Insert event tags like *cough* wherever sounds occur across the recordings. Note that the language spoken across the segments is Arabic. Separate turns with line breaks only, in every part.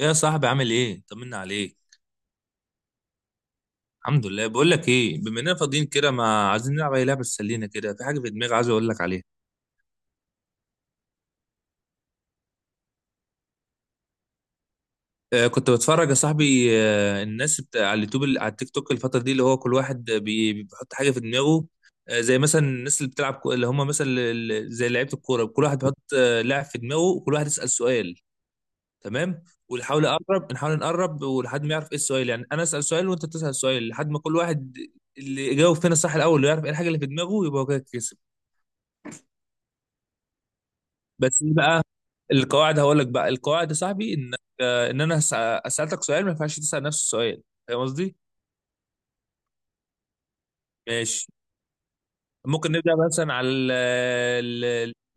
يا صاحبي، عامل ايه؟ طمنا عليك. الحمد لله. بقول لك ايه، بما اننا فاضيين كده، ما عايزين نلعب اي لعبه تسلينا كده؟ في حاجه في دماغي عايز اقول لك عليها. آه، كنت بتفرج يا صاحبي الناس بتاع على اليوتيوب، اللي على التيك توك الفتره دي، اللي هو كل واحد بيحط حاجه في دماغه. آه، زي مثلا الناس اللي بتلعب كو- اللي هم مثلا ال- ال- زي لعيبه الكوره، كل واحد بيحط لاعب في دماغه، وكل واحد يسال سؤال، تمام؟ ونحاول نقرب، نحاول نقرب ولحد ما يعرف ايه السؤال. يعني انا اسال سؤال وانت تسال سؤال، لحد ما كل واحد، اللي يجاوب فينا صح الاول ويعرف ايه الحاجه اللي في دماغه، يبقى هو كده كسب. بس ايه بقى؟ القواعد هقول لك بقى. القواعد يا صاحبي ان، آه، ان انا هس- اسالك سؤال، ما ينفعش تسال نفس السؤال. فاهم قصدي؟ ماشي. ممكن نبدا مثلا على ال- ال-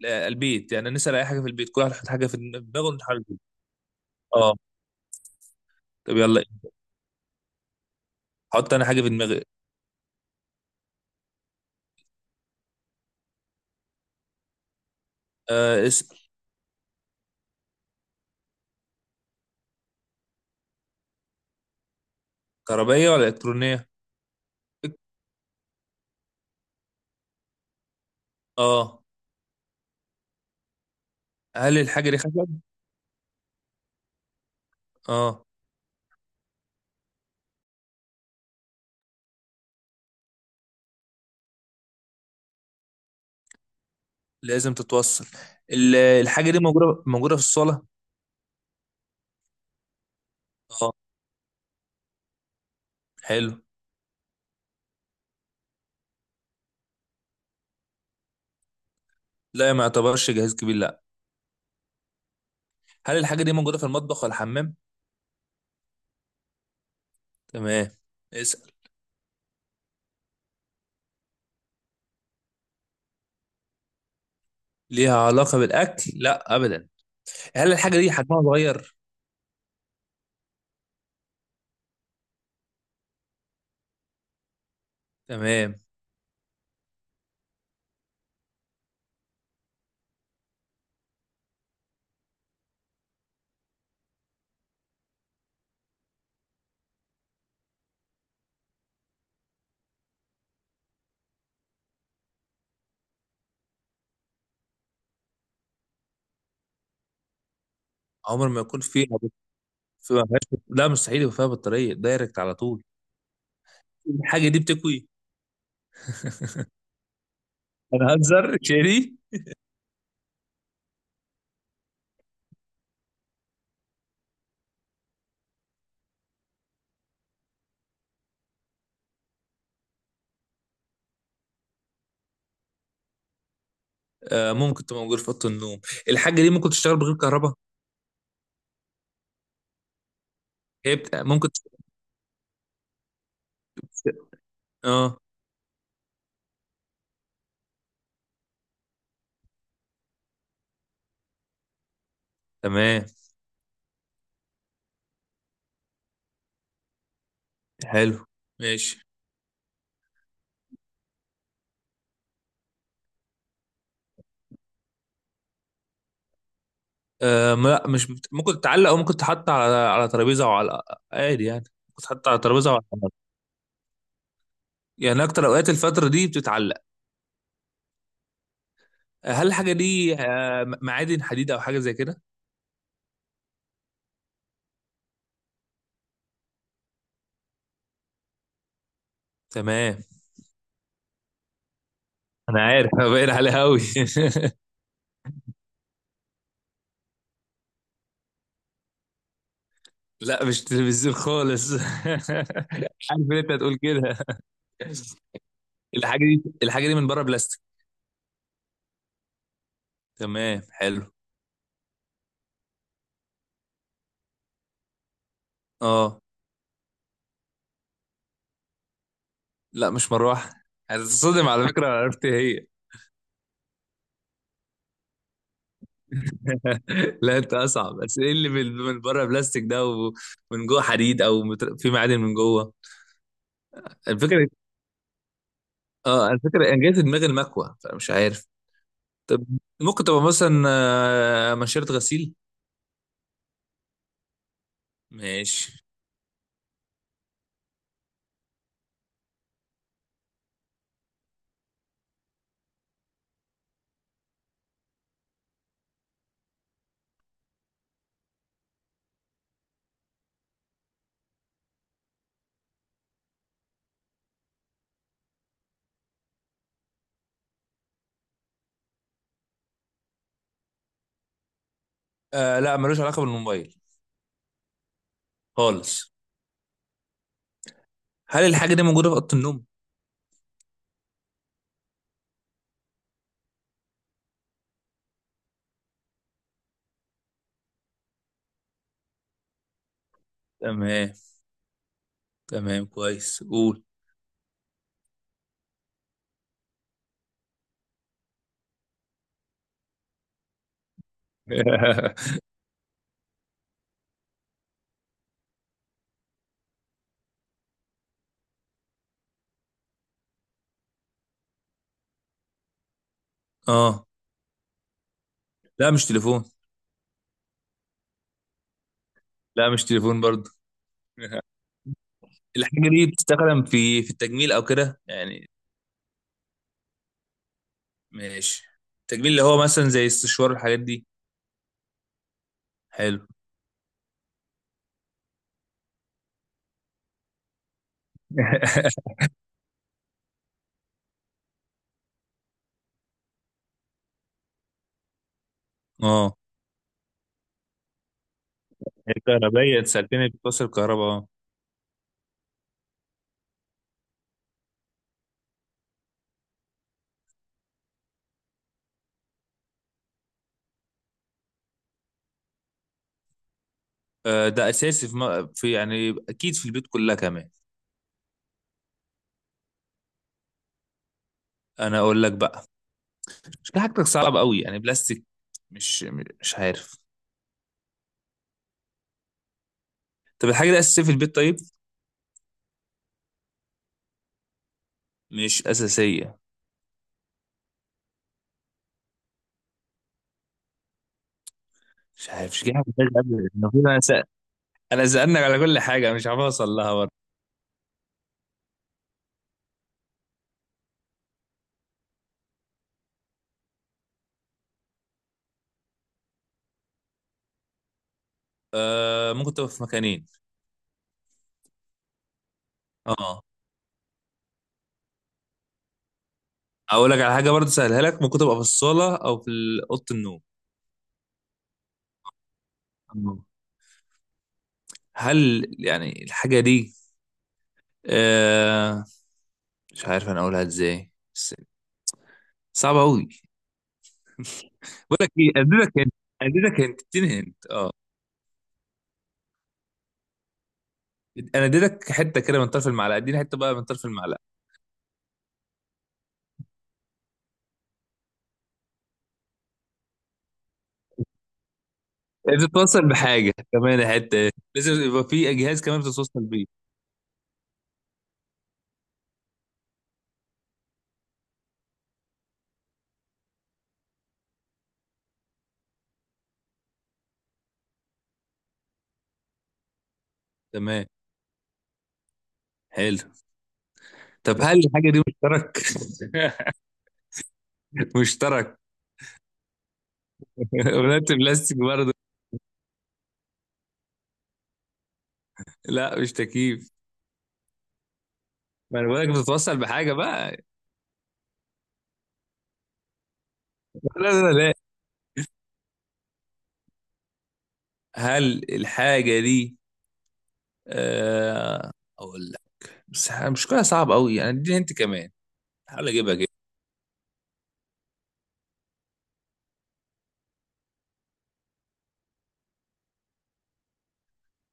ال- البيت، يعني نسال اي حاجه في البيت، كل واحد يحط حاجه في دماغه ونحاول نجيبها. اه. طب يلا، حط انا حاجه في دماغي. آه، اسال. كهربائيه ولا الكترونيه؟ اه. هل الحاجه دي خشب؟ اه. لازم تتوصل. الحاجه دي موجوده في الصاله؟ اه، حلو. لا، ما يعتبرش جهاز كبير، لا. هل الحاجه دي موجوده في المطبخ ولا الحمام؟ تمام. اسأل. ليها علاقة بالأكل؟ لا أبدا. هل الحاجة دي حجمها صغير؟ تمام. عمر ما يكون فيها بط- في ما فيهاش بط- لا، مستحيل يبقى فيها بطارية، دايركت على طول. الحاجة دي بتكوي؟ أنا هنزر شيري. آه، ممكن تبقى موجودة في أوضة النوم. الحاجة دي ممكن تشتغل بغير كهرباء؟ ممكن تشتغل. اه، تمام، حلو. ماشي. لا، مش بت... ممكن تتعلق أو ممكن تحط على ترابيزة أو على، عادي يعني. ممكن تحط على ترابيزة أو على، يعني أكتر أوقات الفترة دي بتتعلق. هل الحاجة دي آه، معادن حديد أو حاجة زي كده؟ تمام. أنا عارف، أنا باين عليها أوي. *laughs* لا، مش تلفزيون خالص. *laughs* عارف إن أنت هتقول كده. الحاجة دي من بره بلاستيك؟ تمام، حلو. أه، لا مش مروحة. هتتصدم على فكرة لو عرفت هي. *laughs* لا، أنت أصعب. بس إيه اللي من بره بلاستيك ده، ومن جوه حديد أو في معادن من جوه؟ الفكرة، أه الفكرة، أنا جاي في دماغي المكوة، فمش عارف. طب، ممكن تبقى مثلا آه، منشرة غسيل؟ ماشي. آه، لا، ملوش علاقة بالموبايل خالص. هل الحاجة دي موجودة في أوضة النوم؟ تمام، تمام، كويس، قول. *laughs* اه، لا مش تليفون. لا مش تليفون برضه. *laughs* الحاجة دي بتستخدم في التجميل أو كده يعني؟ ماشي. التجميل اللي هو مثلا زي السشوار والحاجات دي. حلو. *laughs* اه، الكهربائية، انت سألتني بتوصل الكهرباء، اه. آه، ده أساسي في، يعني أكيد في البيت كلها كمان. أنا أقول لك بقى. شكلها حاجتك صعب قوي، يعني بلاستيك، مش، مش عارف. طب الحاجة دي أساسية في البيت؟ طيب، مش أساسية؟ مش عارف، مش جاي على بالي أبدا. أنا سألنك على كل حاجة، مش عارف أوصل لها برضه. آه، ممكن تبقى في مكانين. أه. أقول لك على حاجة برضه، سهلها لك، ممكن تبقى في الصالة أو في أوضة النوم. آه. هل يعني الحاجة دي آه... مش عارف أنا أقولها إزاي بس صعبة أوي. بقول لك إيه، أديلك هنت، إديني هنت. آه. أنا أديلك حتة كده من طرف المعلقة، إديني حتة بقى من طرف المعلقة. بتتوصل بحاجه كمان حته، لازم يبقى في جهاز كمان بتتوصل بيه. تمام، حلو. طب هل الحاجه دي مشترك؟ *laughs* مشترك، ولادة بلاستيك برضه. لا، مش تكييف، ما انا بقولك بتتوصل بحاجه بقى. لا، لا، لا. هل الحاجه دي آه، اقول لك، بس مش كلها صعب قوي يعني، اديني انت كمان، حاول اجيبها كده.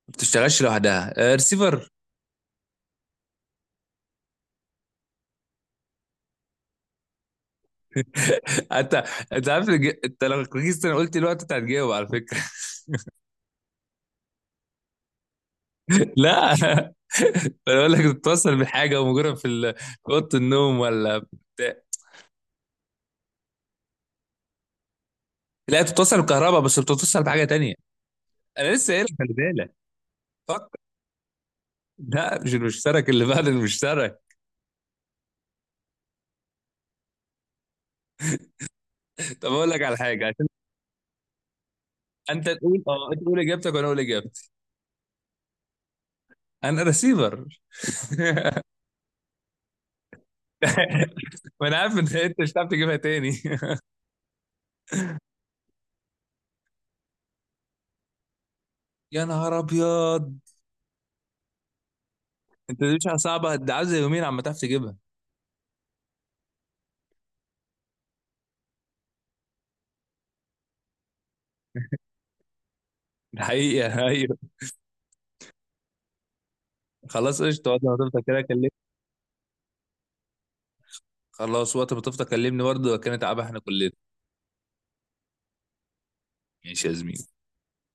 ما بتشتغلش لوحدها، آه ريسيفر. *laughs* انت، انت عارف انت لو ركزت انا قلت الوقت، انت هتجاوب على فكره. لا. *laughs* انا بقول لك بتتصل بحاجه، ومجرد في اوضه النوم ولا بتاع. لا، بتتصل بكهرباء، بس بتتصل بحاجه تانية. انا لسه قايل لك، خلي بالك. فكر. لا، مش المشترك، اللي بعد المشترك. طب اقول لك على حاجه عشان، انت تقول، اه انت تقول اجابتك وانا اقول اجابتي. انا رسيفر. *laughs* ما انا عارف ان انت مش هتعرف تجيبها تاني. *laughs* يا نهار ابيض. انت دي مش صعبه، ده عايز يومين عم تعرف تجيبها. ده حقيقه، ايوه. خلاص، قشطه، وقت ما تفضل كده أكلمك. خلاص، وقت ما تفضى كلمني برضه، كانت تعبان احنا كلنا. ماشي يا زميلي.